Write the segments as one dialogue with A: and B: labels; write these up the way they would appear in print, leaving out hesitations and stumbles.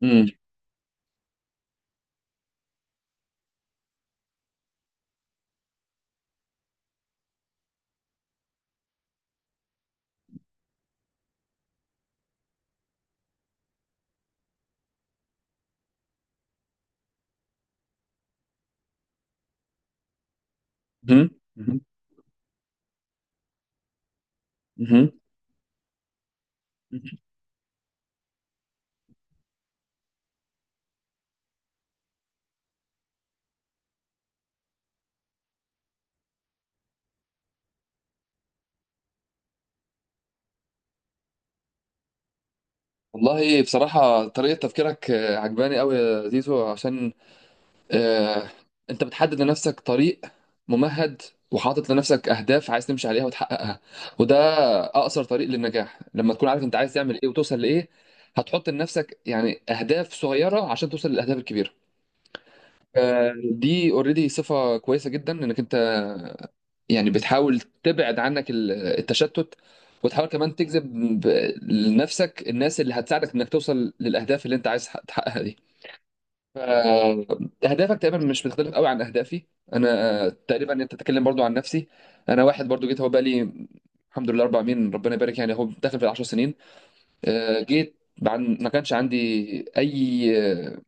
A: مم. مم. مم. مم. والله بصراحة طريقة تفكيرك عجباني قوي يا زيزو، عشان آه، انت بتحدد لنفسك طريق ممهد، وحاطط لنفسك اهداف عايز تمشي عليها وتحققها، وده اقصر طريق للنجاح لما تكون عارف انت عايز تعمل ايه وتوصل لايه. هتحط لنفسك يعني اهداف صغيرة عشان توصل للاهداف الكبيرة. دي اوريدي صفة كويسة جدا انك انت يعني بتحاول تبعد عنك التشتت، وتحاول كمان تجذب ب- لنفسك الناس اللي هتساعدك انك توصل للاهداف اللي انت عايز تحققها دي. ف- اهدافك تقريبا مش بتختلف قوي عن اهدافي انا. تقريبا انت تتكلم برضو عن نفسي. انا واحد برضو جيت، هو بقالي الحمد لله اربع سنين ربنا يبارك، يعني هو داخل في العشر سنين. جيت، عن ما كانش عندي اي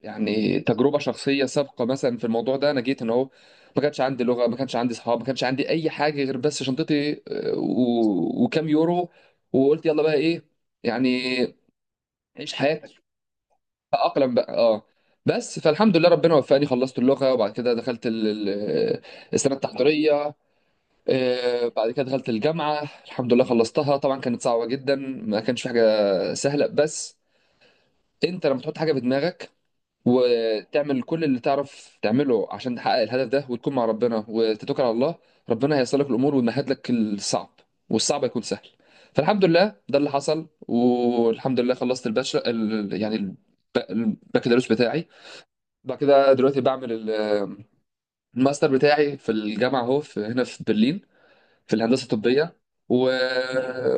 A: يعني تجربه شخصيه سابقه مثلا في الموضوع ده، انا جيت هنا اهو، ما كانش عندي لغه، ما كانش عندي اصحاب، ما كانش عندي اي حاجه غير بس شنطتي وكام يورو. وقلت يلا بقى ايه يعني، عيش حياتك، اقلم بقى اه. بس فالحمد لله ربنا وفقني، خلصت اللغه، وبعد كده دخلت السنه التحضيريه. بعد كده دخلت الجامعه، الحمد لله خلصتها، طبعا كانت صعبه جدا، ما كانش في حاجه سهله، بس انت لما تحط حاجه في دماغك، وتعمل كل اللي تعرف تعمله عشان تحقق الهدف ده، وتكون مع ربنا وتتوكل على الله، ربنا هيسر لك الامور ويمهد لك الصعب، والصعب هيكون سهل. فالحمد لله ده اللي حصل، والحمد لله خلصت الباشا البكالوريوس بتاعي. بعد كده دلوقتي بعمل الماستر بتاعي في الجامعه اهو، في هنا في برلين، في الهندسه الطبيه. و...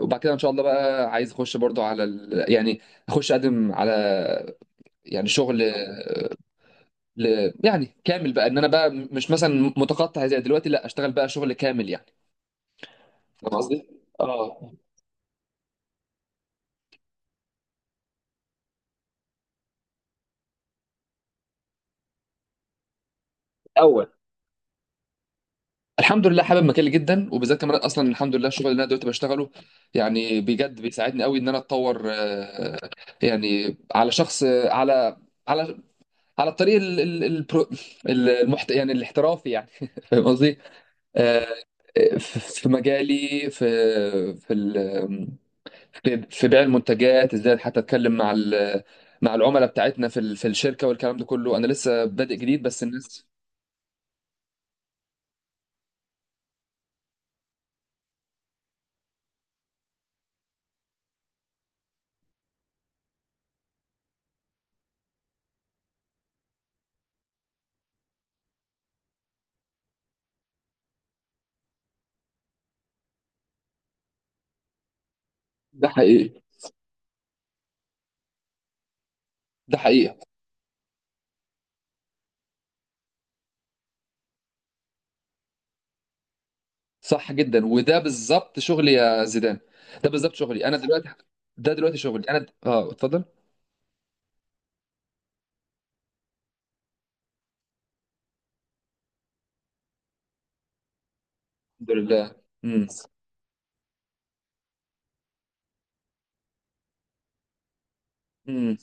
A: وبعد كده ان شاء الله بقى عايز اخش برضو على يعني اخش اقدم على يعني شغل، يعني كامل بقى، ان انا بقى مش مثلا متقطع زي دلوقتي، لا اشتغل بقى شغل كامل يعني. فاهم قصدي؟ اه. اول، الحمد لله حابب مجالي جدا، وبالذات كمان اصلا الحمد لله الشغل اللي انا دلوقتي بشتغله يعني بجد بيساعدني قوي ان انا اتطور. يعني على شخص، على على على الطريق يعني الاحترافي يعني فاهم قصدي؟ آه، في مجالي في في ال... في في بيع المنتجات، ازاي حتى اتكلم مع مع العملاء بتاعتنا في في الشركه، والكلام ده كله انا لسه بادئ جديد بس الناس. ده حقيقي. ده حقيقي. صح جدا، وده بالظبط شغلي يا زيدان، ده بالظبط شغلي انا دلوقتي، ده دلوقتي شغلي انا اه اتفضل. الحمد لله. امم. امم.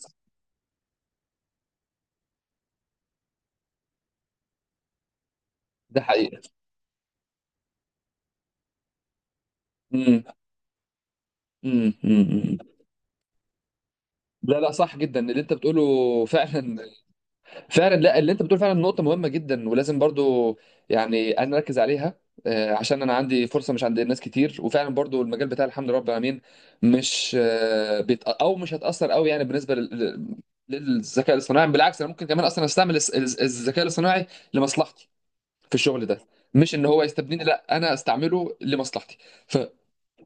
A: ده حقيقي. امم. امم. امم. لا لا، صح جدا اللي انت بتقوله. فعلا فعلا، لا اللي انت بتقول فعلا نقطة مهمة جدا، ولازم برضو يعني انا اركز عليها. عشان انا عندي فرصة مش عند ناس كتير، وفعلا برضو المجال بتاع الحمد لله رب العالمين مش بيت، او مش هتأثر قوي يعني بالنسبة للذكاء الاصطناعي. بالعكس، انا ممكن كمان اصلا استعمل الذكاء الاصطناعي لمصلحتي في الشغل ده، مش ان هو يستبدلني، لا انا استعمله لمصلحتي. ف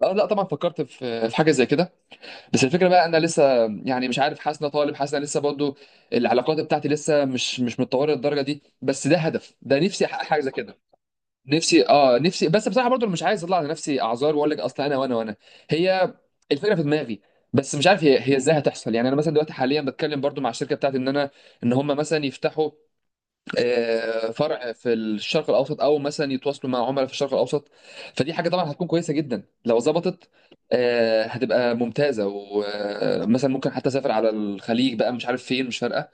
A: لا طبعا فكرت في حاجة زي كده، بس الفكره بقى انا لسه يعني مش عارف، حاسس إن أنا طالب، حاسس إن أنا لسه برضو العلاقات بتاعتي لسه مش متطوره للدرجه دي، بس ده هدف، ده نفسي احقق حاجه زي كده. نفسي اه، نفسي، بس بصراحه برضو أنا مش عايز اطلع على نفسي اعذار واقول لك اصل انا وانا وانا، هي الفكره في دماغي، بس مش عارف هي ازاي هتحصل. يعني انا مثلا دلوقتي حاليا بتكلم برضو مع الشركه بتاعتي ان انا ان هم مثلا يفتحوا فرع في الشرق الاوسط، او مثلا يتواصلوا مع عملاء في الشرق الاوسط، فدي حاجه طبعا هتكون كويسه جدا لو ظبطت. هتبقى ممتازه، ومثلا ممكن حتى اسافر على الخليج بقى، مش عارف فين، مش فارقه.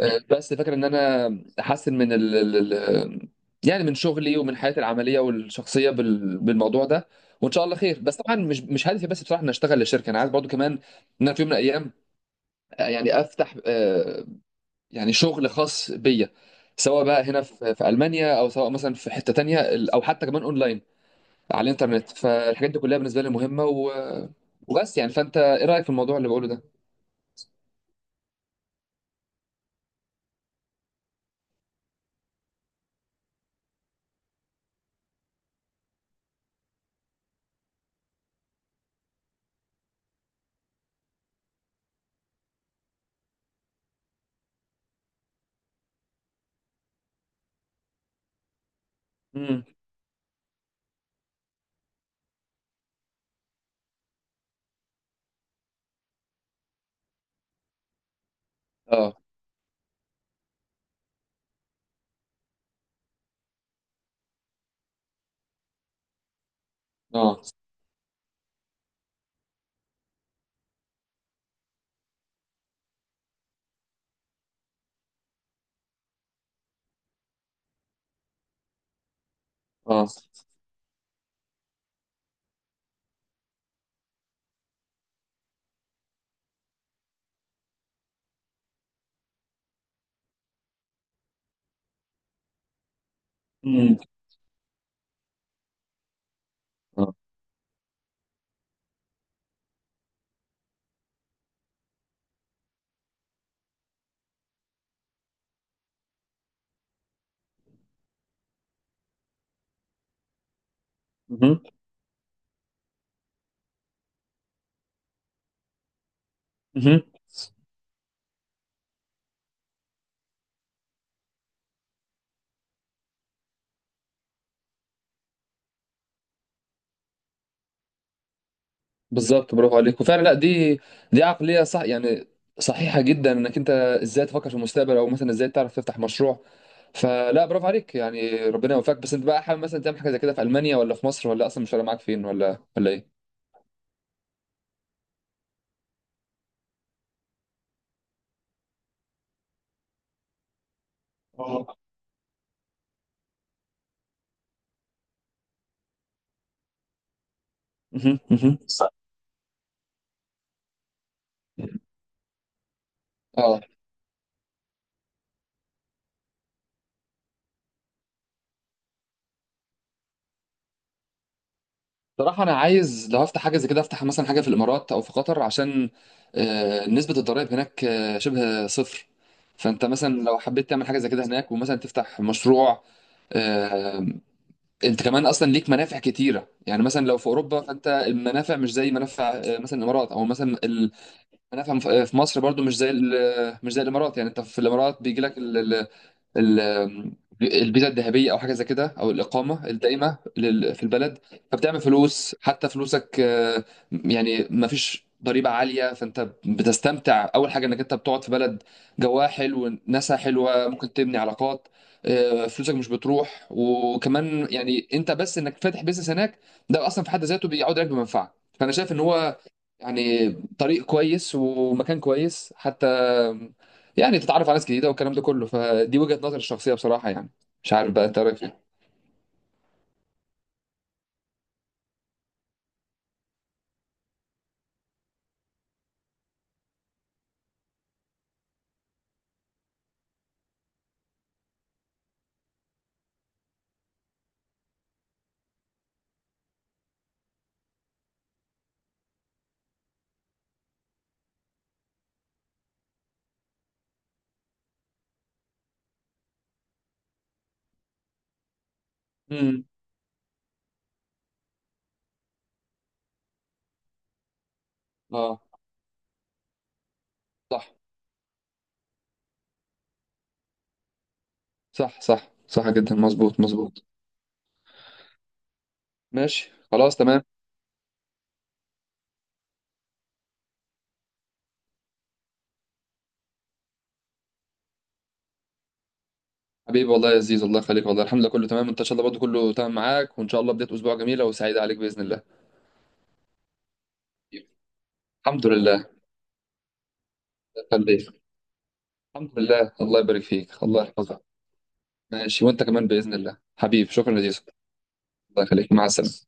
A: بس فاكر ان انا احسن من يعني من شغلي ومن حياتي العمليه والشخصيه بالموضوع ده، وان شاء الله خير. بس طبعا مش هدفي بس بصراحه ان اشتغل لشركه، انا عايز برضو كمان ان انا في يوم من الايام يعني افتح، يعني شغل خاص بيا، سواء بقى هنا في المانيا، او سواء مثلا في حته تانية او حتى كمان اونلاين على الانترنت. فالحاجات دي كلها بالنسبه لي مهمه وبس يعني، فانت ايه رايك في الموضوع اللي بقوله ده؟ امم. اه. اه. اه. امم. اه. مهم. مهم. بالظبط، برافو عليك، وفعلا لا دي عقليه صح يعني، صحيحه جدا، انك انت ازاي تفكر في المستقبل، او مثلا ازاي تعرف تفتح مشروع. فلا، برافو عليك، يعني ربنا يوفقك. بس انت بقى حابب مثلا تعمل حاجه زي كده في المانيا، ولا في مصر، ولا اصلا مش فارق معاك فين، ولا ايه؟ اه. مهم، مهم. اه. صراحة أنا عايز لو هفتح حاجة زي كده، أفتح مثلا حاجة في الإمارات أو في قطر، عشان نسبة الضرائب هناك شبه صفر. فأنت مثلا لو حبيت تعمل حاجة زي كده هناك، ومثلا تفتح مشروع، آه، انت كمان اصلا ليك منافع كتيره، يعني مثلا لو في اوروبا فانت المنافع مش زي منافع مثلا الامارات، او مثلا المنافع في مصر برضو مش زي مش زي الامارات. يعني انت في الامارات بيجي لك ال- الفيزا الذهبيه او حاجه زي كده، او الاقامه الدائمه في البلد. فبتعمل فلوس، حتى فلوسك يعني ما فيش ضريبه عاليه، فانت بتستمتع اول حاجه انك انت بتقعد في بلد جواها حلو، ناسها حلوه، ممكن تبني علاقات. فلوسك مش بتروح، وكمان يعني انت بس انك فاتح بيزنس هناك ده اصلا في حد ذاته بيعود عليك بمنفعه. فانا شايف ان هو يعني طريق كويس، ومكان كويس حتى يعني تتعرف على ناس جديده والكلام ده كله. فدي وجهه نظري الشخصيه بصراحه يعني، مش عارف بقى انت رايك ايه. امم. اه. صح صح صح، صح جدا، مظبوط مظبوط. ماشي خلاص تمام. حبيبي والله يا عزيز، الله يخليك. والله الحمد لله كله تمام. انت ان شاء الله برضه كله تمام معاك، وان شاء الله بدايه اسبوع جميله وسعيده عليك باذن الله. الحمد لله. الله يخليك. الحمد لله، الله يبارك فيك، الله يحفظك. ماشي وانت كمان باذن الله حبيبي، شكرا يا زيزو. الله يخليك، مع السلامه.